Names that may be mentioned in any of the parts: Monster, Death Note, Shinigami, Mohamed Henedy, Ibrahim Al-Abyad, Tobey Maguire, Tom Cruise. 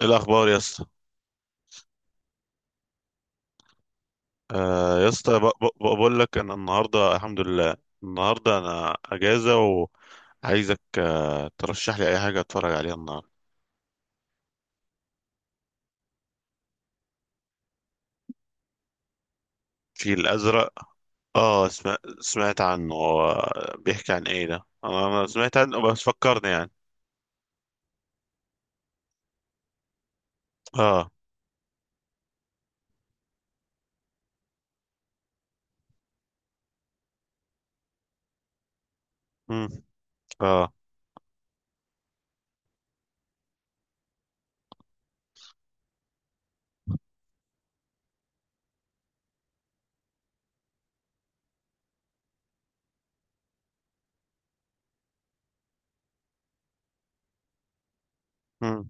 إيه الاخبار يا اسطى؟ يا اسطى بقول لك ان النهارده الحمد لله. النهارده انا اجازه، وعايزك ترشح لي اي حاجه اتفرج عليها النهارده. الفيل الازرق، اه سمعت عنه. هو بيحكي عن ايه ده؟ انا سمعت عنه بس فكرني يعني. اه. مم. اه. مم.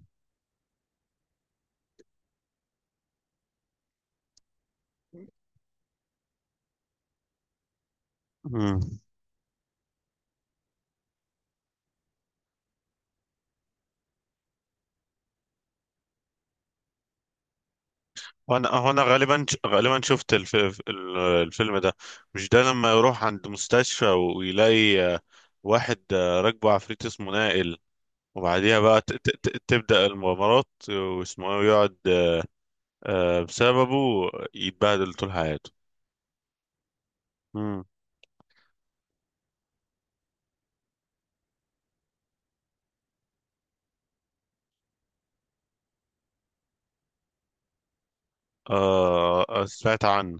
مم. وانا غالبا شفت الفيلم ده. مش ده لما يروح عند مستشفى ويلاقي واحد راكبه عفريت اسمه نائل، وبعديها بقى تبدأ المغامرات واسمه ايه ويقعد بسببه يتبهدل طول حياته. مم. آه، سمعت عنه.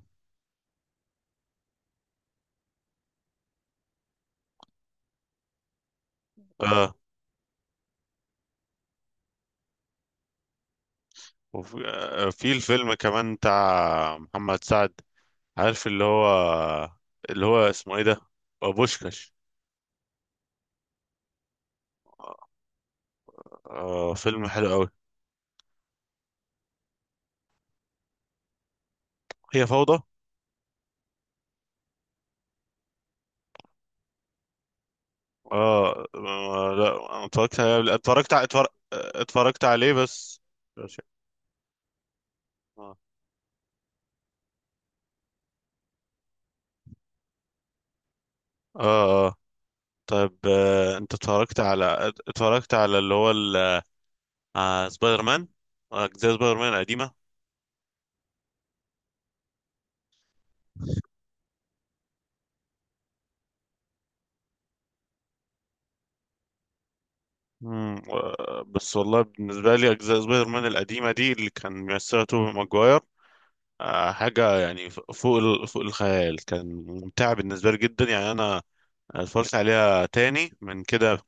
آه. وفي في الفيلم كمان بتاع محمد سعد، عارف اللي هو، اللي هو اسمه ايه ده، بوشكاش. آه، فيلم حلو قوي. هي فوضى. آه، لا أنا اتفرجت عليه اتفرجت عليه بس. آه. آه. طيب، انت اتفرجت على اللي هو سبايدر مان، اجزاء سبايدر مان القديمه. مم. و- بس والله بالنسبه لي اجزاء سبايدر مان القديمه دي اللي كان بيمثلها توبي ماجواير حاجه يعني فوق الخيال. كان ممتع بالنسبه لي جدا، يعني انا اتفرجت عليها تاني من كده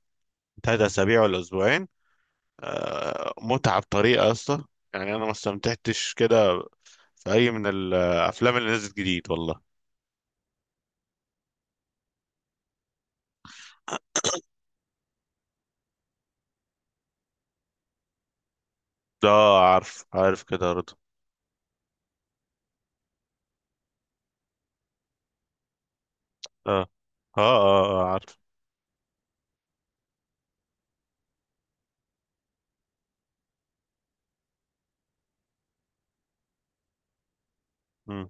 تلات اسابيع ولا اسبوعين. متعه بطريقه يا اسطى. يعني انا ما استمتعتش كده في اي من الافلام اللي نزلت جديد والله. ده عارف، عارف كده رضا. اه. اه، آه عارف. مم.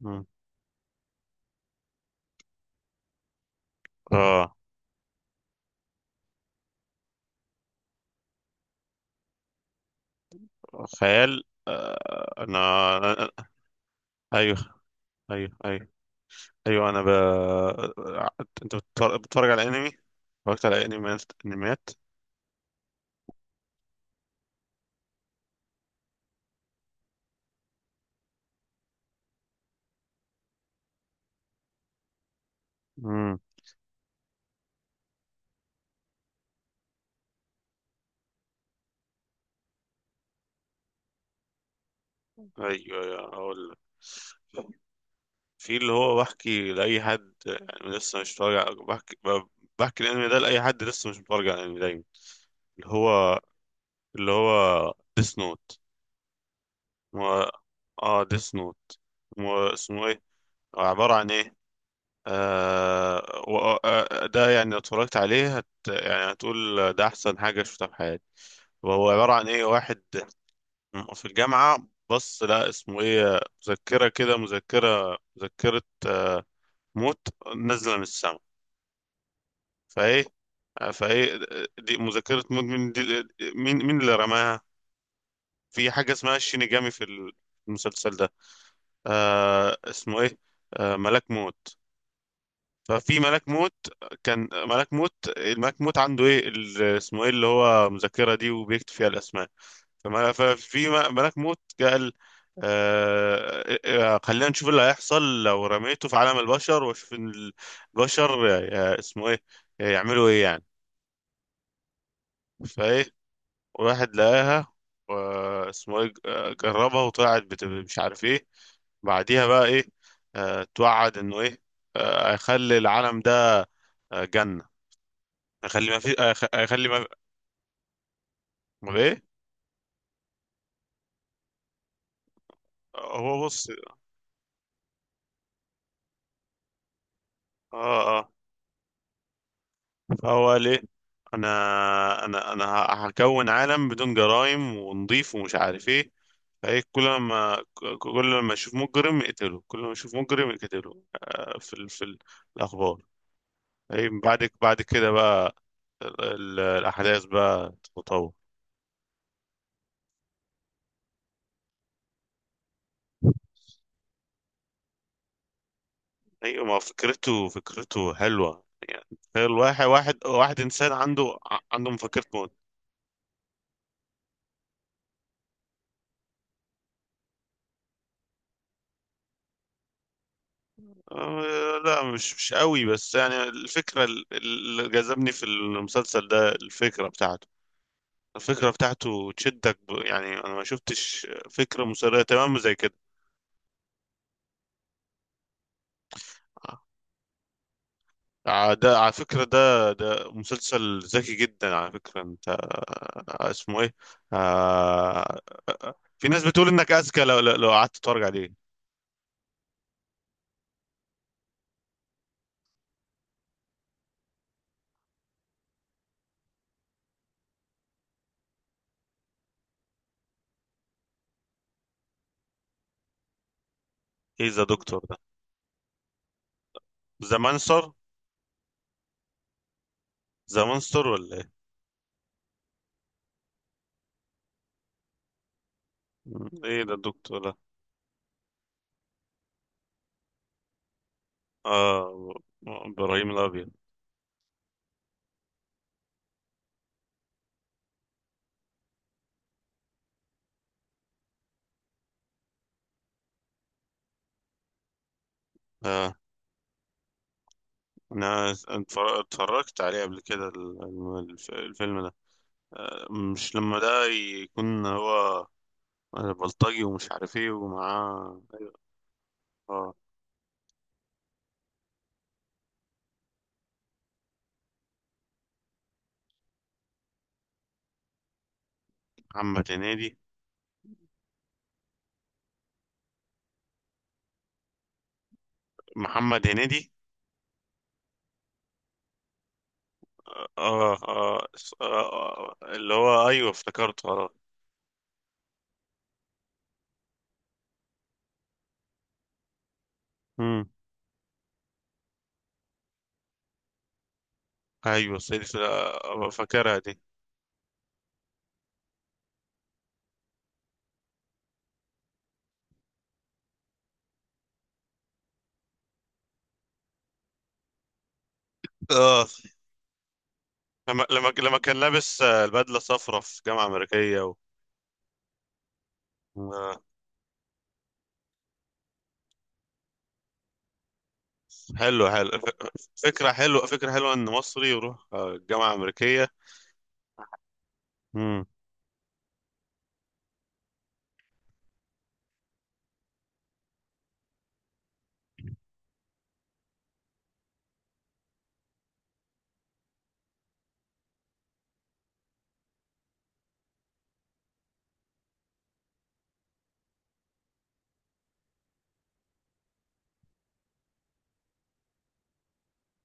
مم. اه. خيال، آه. انا أنا- أنا- ايوه. ايوه. ايوه انا انت بتتفرج على انمي؟ اتفرجت على انميات، انميات. امم. ايوه اقول لك. في اللي هو بحكي لاي حد يعني لسه مش متفرج على- بحكي ب- بحكي الانمي ده لاي حد لسه مش متفرج على الانمي دايما، اللي هو اللي هو ديس نوت. و... اه، ديس نوت. اسمه ايه؟ عبارة عن ايه؟ آه. آه، ده يعني لو اتفرجت عليه هت يعني هتقول ده أحسن حاجة شفتها في حياتي. وهو عبارة عن إيه؟ واحد في الجامعة، بص، لا، اسمه إيه، مذكرة كده، مذكرة آه موت نازلة من السماء. فإيه، فإيه، دي مذكرة موت مين دي؟ مين اللي رماها؟ في حاجة اسمها الشينيجامي في المسلسل ده، آه اسمه إيه، آه، ملاك موت. ففي ملك موت، كان ملك موت، الملك موت عنده ايه اسمه ايه اللي هو مذكرة دي، وبيكتب فيها الاسماء. ملك موت قال آه، خلينا نشوف اللي هيحصل لو رميته في عالم البشر واشوف إن البشر آه، اسمه ايه آه، يعملوا ايه يعني. فايه، واحد لقاها، واسمه ايه جربها وطلعت مش عارف ايه. بعديها بقى ايه، توعد انه ايه، هيخلي العالم ده جنة. اخلي ما، امال ايه. هو بص. اه. اه. فهو ليه، انا هكون عالم بدون جرائم ونضيف ومش عارف ايه. فايه كل ما اشوف مجرم اقتله، كل ما اشوف مجرم اقتله في الاخبار. اي بعد كده بقى الاحداث بقى تتطور. ايوه، ما فكرته، فكرته حلوه يعني. تخيل واحد واحد واحد انسان عنده عنده مفكرة موت. آه، لا مش قوي، بس يعني الفكرة اللي جذبني في المسلسل ده الفكرة بتاعته. الفكرة بتاعته تشدك يعني أنا ما شفتش فكرة مسلية تمام زي كده. آه، ده على فكرة، ده ده مسلسل ذكي جدا على فكرة. أنت اسمه إيه؟ آه. آه، في ناس بتقول إنك أذكى لو قعدت تتفرج عليه. إيه ذا دكتور ده؟ ذا مانستر؟ ذا مانستر ولا إيه؟ إيه ده الدكتور ده؟ آه. إبراهيم الأبيض. آه، انا اتفرجت عليه قبل كده الفيلم ده. آه، مش لما ده يكون هو بلطجي ومش عارف ايه ومعاه أيوة. اه. محمد هنيدي. محمد هنيدي. اه، آه اللي هو ايوه، افتكرته اه. مم. ايوه سيدي، في، فاكرها دي. اه، لما كان لابس البدله صفرا في جامعه امريكيه آه. حلو حلو. فكره حلوه، فكره حلوه ان مصري يروح جامعه امريكيه. مم.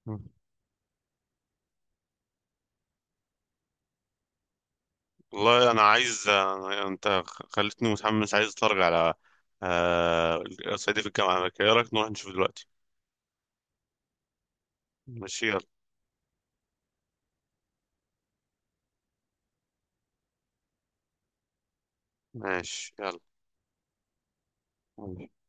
مم. والله انا عايز، انت خلتني متحمس عايز اتفرج على آه، صعيدي في الجامعه الامريكيه. ايه رايك نروح نشوف دلوقتي؟ ماشي يلا. ماشي يلا.